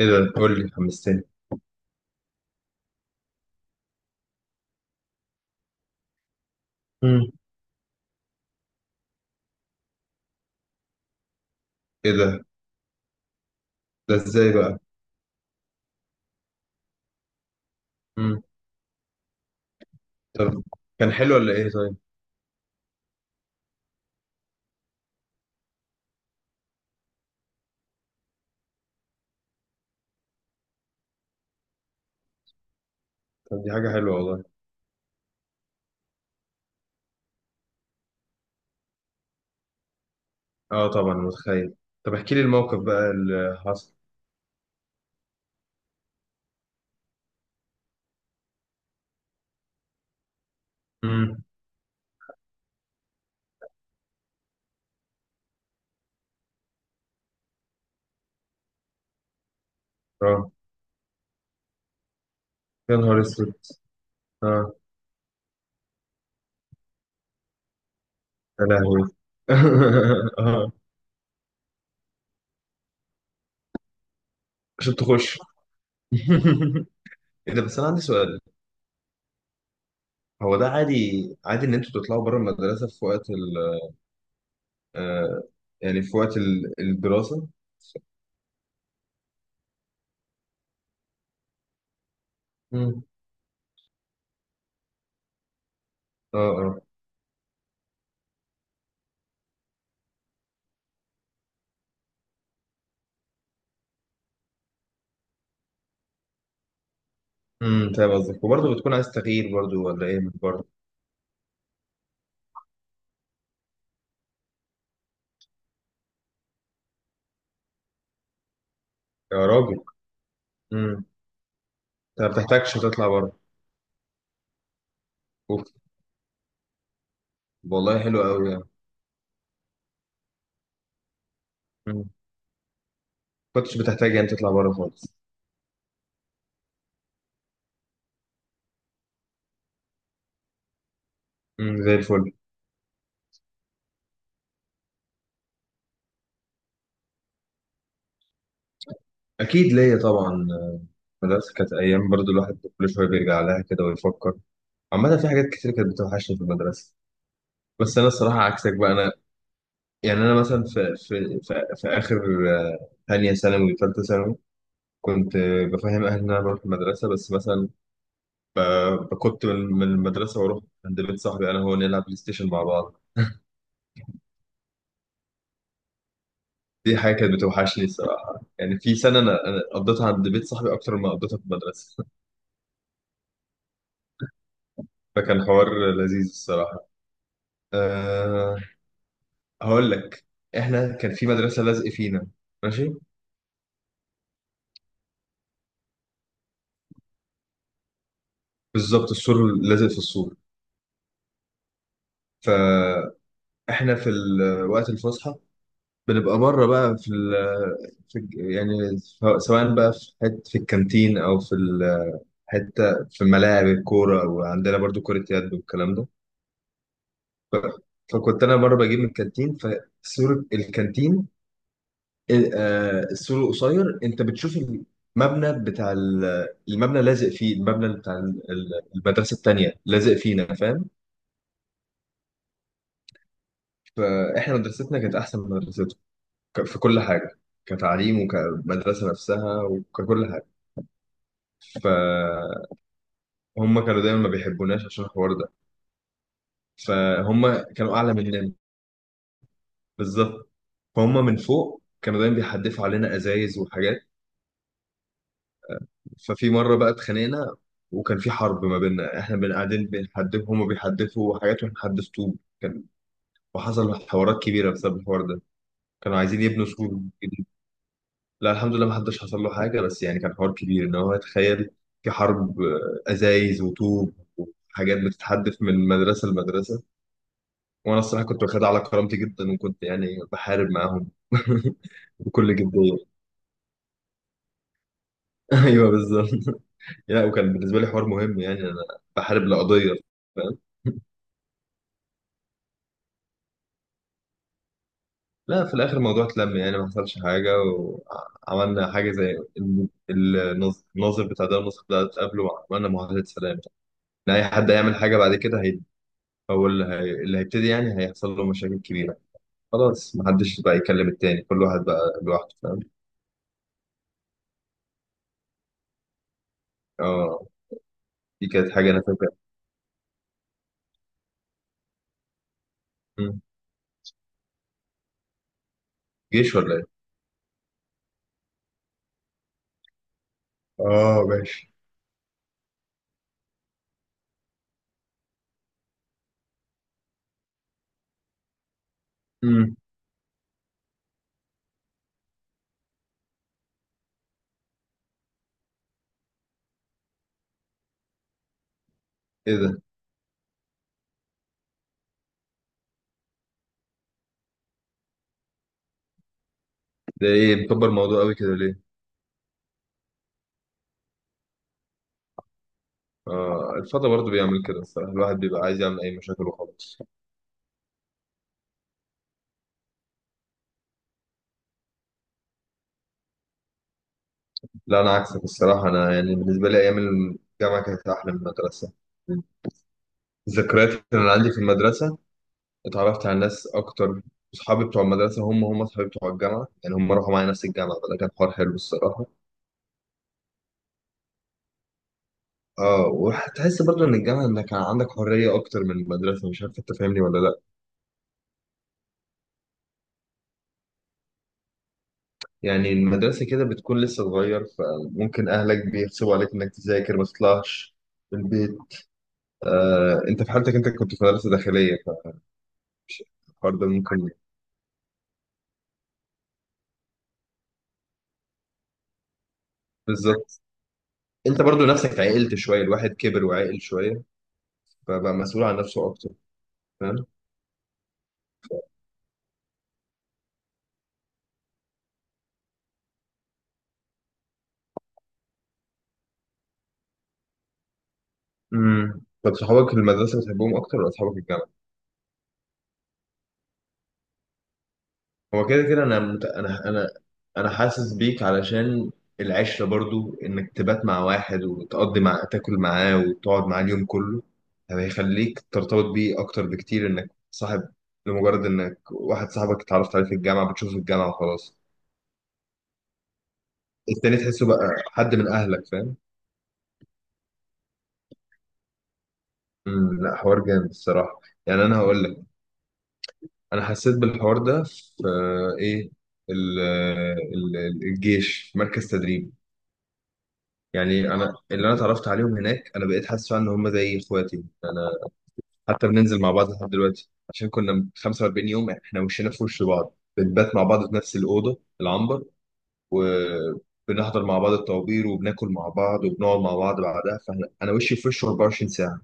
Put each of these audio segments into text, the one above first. ايه ده، قول لي، حمستني. مم. ايه ده؟ ده ازاي بقى؟ مم. طب كان حلو ولا ايه؟ طيب، طب دي حاجة حلوة والله. اه طبعا، متخيل. طب احكي لي الموقف بقى اللي حصل. امم. اه، يا نهار اسود. اه، يا لهوي. اه، عشان تخش. ايه ده؟ بس انا عندي سؤال، هو ده عادي؟ عادي ان انتوا تطلعوا بره المدرسة في وقت ال، آه، يعني في وقت الدراسة؟ امم. اه اه. امم، فاهم قصدك. وبرضه بتكون عايز تغيير برضه ولا ايه؟ يا راجل. امم، انت ما بتحتاجش تطلع بره. اوف. والله حلو قوي يعني. مم. كنتش بتحتاج يعني تطلع بره خالص. امم، زي الفل. اكيد ليا طبعا. المدرسه كانت ايام برضو الواحد كل شويه بيرجع لها كده ويفكر. عامه، في حاجات كتير كانت بتوحشني في المدرسه، بس انا الصراحه عكسك بقى. انا يعني انا مثلا في اخر، آه، ثانيه ثانوي وثالثه ثانوي، كنت، آه، بفهم اهلي ان انا بروح المدرسه، بس مثلا، آه، كنت من المدرسه واروح عند بيت صاحبي انا، هو نلعب بلاي ستيشن مع بعض. دي حاجة كانت بتوحشني الصراحة. يعني في سنة أنا قضيتها عند بيت صاحبي أكتر ما قضيتها في المدرسة. فكان حوار لذيذ الصراحة. أه، هقول لك، إحنا كان في مدرسة لازق فينا. ماشي. بالظبط، السور لازق في السور. فإحنا في وقت الفسحة بنبقى بره بقى في، في سواء بقى في حتة في الكانتين أو في حتة في ملاعب الكورة، وعندنا برضو كرة يد والكلام ده. ف- فكنت انا مره بجيب من الكانتين، فسور الكانتين، آه، السور القصير، انت بتشوف المبنى بتاع المبنى لازق فيه، المبنى بتاع المدرسه التانيه لازق فينا، فاهم؟ فاحنا مدرستنا كانت احسن من مدرستهم في كل حاجه، كتعليم وكمدرسه نفسها وككل حاجه. فهم كانوا دايما ما بيحبوناش عشان الحوار ده. فهم كانوا اعلى مننا. بالظبط. فهم من فوق كانوا دايما بيحدفوا علينا ازايز وحاجات. ففي مرة بقى اتخانقنا، وكان في حرب ما بيننا. احنا بن قاعدين بنحدف، هما بيحدفوا حاجات واحنا بنحدف طوب، كان. وحصل حوارات كبيرة بسبب الحوار ده. كانوا عايزين يبنوا سور جديد. لا الحمد لله ما حدش حصل له حاجة، بس يعني كان حوار كبير. ان هو تخيل، في حرب، آه، ازايز وطوب وحاجات بتتحدف من مدرسة لمدرسة. وانا الصراحة كنت واخدها على كرامتي جدا، وكنت يعني بحارب معاهم. بكل جدية. ايوه بالظبط. لا، وكان بالنسبة لي حوار مهم. يعني انا بحارب لقضية، فاهم. لا في الاخر الموضوع اتلم، يعني ما حصلش حاجه. وعملنا حاجه زي الناظر، الناظر بتاع ده النسخ ده، اتقابله وعملنا معاهده سلام ان اي حد هيعمل حاجه بعد كده هي هو اللي, هي... اللي هيبتدي يعني هيحصل له مشاكل كبيره. خلاص، ما حدش بقى يكلم التاني، كل واحد بقى لوحده، فاهم. اه، دي كانت حاجه انا فاكرها. مم. جيش ولا ايه؟ اه ماشي. مم. ايه ده؟ ده ايه مكبر الموضوع قوي كده ليه؟ اه، الفضا برضه بيعمل كده الصراحه، الواحد بيبقى عايز يعمل اي مشاكل وخلاص. لا انا عكسك الصراحه، انا يعني بالنسبه لي ايام الجامعه كانت احلى من المدرسه. الذكريات اللي انا عندي في المدرسه، اتعرفت على ناس اكتر. اصحابي بتوع المدرسه هم اصحابي بتوع الجامعه، يعني هم راحوا معايا نفس الجامعه، فده كان حوار حلو الصراحه. اه، وهتحس برضه ان الجامعه انك كان عندك حريه اكتر من المدرسه، مش عارف انت فاهمني ولا لا. يعني المدرسه كده بتكون لسه صغير، فممكن اهلك بيغصبوا عليك انك تذاكر، ما تطلعش من البيت. آه انت في حالتك انت كنت في مدرسه داخليه، فالحوار ده ممكن. بالظبط، انت برضو نفسك عقلت شويه، الواحد كبر وعقل شويه، فبقى مسؤول عن نفسه اكتر، فاهم. امم، طب صحابك في المدرسه بتحبهم اكتر ولا اصحابك الجامعه؟ هو كده كده انا مت... انا انا انا حاسس بيك، علشان العشره برضو انك تبات مع واحد وتقضي مع، تاكل معاه وتقعد معاه اليوم كله، يعني هيخليك ترتبط بيه اكتر بكتير انك صاحب. لمجرد انك واحد صاحبك اتعرفت عليه في الجامعه، بتشوفه في الجامعه وخلاص. التاني تحسه بقى حد من اهلك، فاهم. امم، لا حوار جامد الصراحه. يعني انا هقول لك، انا حسيت بالحوار ده في، آه، ايه، الجيش، مركز تدريب. يعني انا اللي انا اتعرفت عليهم هناك انا بقيت حاسس فعلا ان هم زي اخواتي انا. حتى بننزل مع بعض لحد دلوقتي، عشان كنا 45 يوم احنا وشنا في وش بعض، بنبات مع بعض في نفس الاوضه العنبر، وبنحضر مع بعض الطوابير، وبناكل مع بعض وبنقعد مع بعض بعدها، فاحنا انا وشي في وشه 24 ساعه،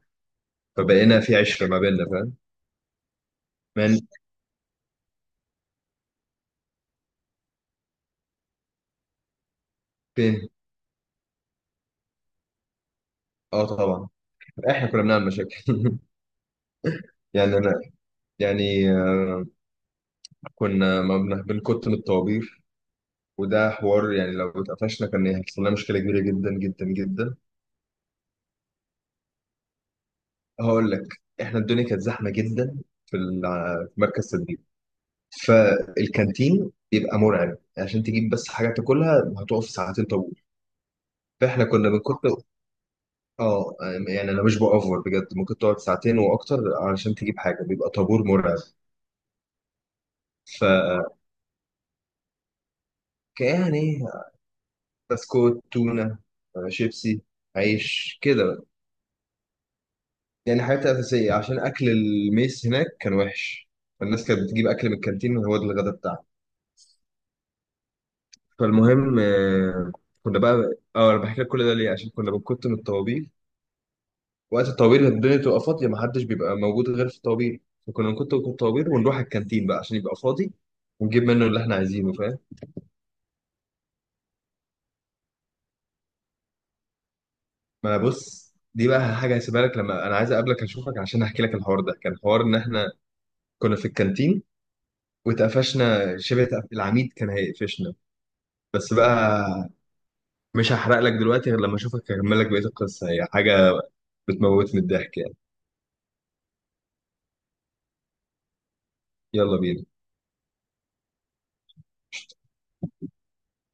فبقينا في عشره ما بيننا، فاهم. من فين؟ اه طبعا، احنا كنا بنعمل مشاكل. يعني انا، يعني، آه، كنا ما بن- بنكت من الطوابير، وده حوار يعني لو اتقفشنا كان هيحصل لنا مشكله كبيره جدا جدا جدا. هقول لك، احنا الدنيا كانت زحمه جدا في في مركز تدريب، فالكانتين بيبقى مرعب. عشان تجيب بس حاجه تاكلها هتقف ساعتين طابور، فاحنا كنا بنكت. اه. يعني انا مش بأوفر بجد، ممكن تقعد ساعتين واكتر علشان تجيب حاجه، بيبقى طابور مرعب. ف يعني بسكوت، تونه، آه، شيبسي، عيش كده. يعني حاجات أساسية، عشان أكل الميس هناك كان وحش، فالناس كانت بتجيب أكل من الكانتين وهو ده الغدا بتاعها. فالمهم، آه، كنا بقى، اه، انا بحكي لك كل ده ليه عشان كنا بنكت من الطوابير. وقت الطوابير الدنيا تبقى فاضية، محدش بيبقى موجود غير في الطوابير، فكنا نكت من الطوابير ونروح الكانتين بقى عشان يبقى فاضي ونجيب منه اللي احنا عايزينه، فاهم. ما أنا بص، دي بقى حاجة هسيبها لك لما أنا عايز أقابلك أشوفك عشان أحكي لك. الحوار ده كان حوار إن إحنا كنا في الكانتين واتقفشنا شبه، العميد كان هيقفشنا، بس بقى مش هحرق لك دلوقتي، غير لما اشوفك هكمل لك بقيه القصه، هي حاجه بتموتني من الضحك يعني. يلا بينا.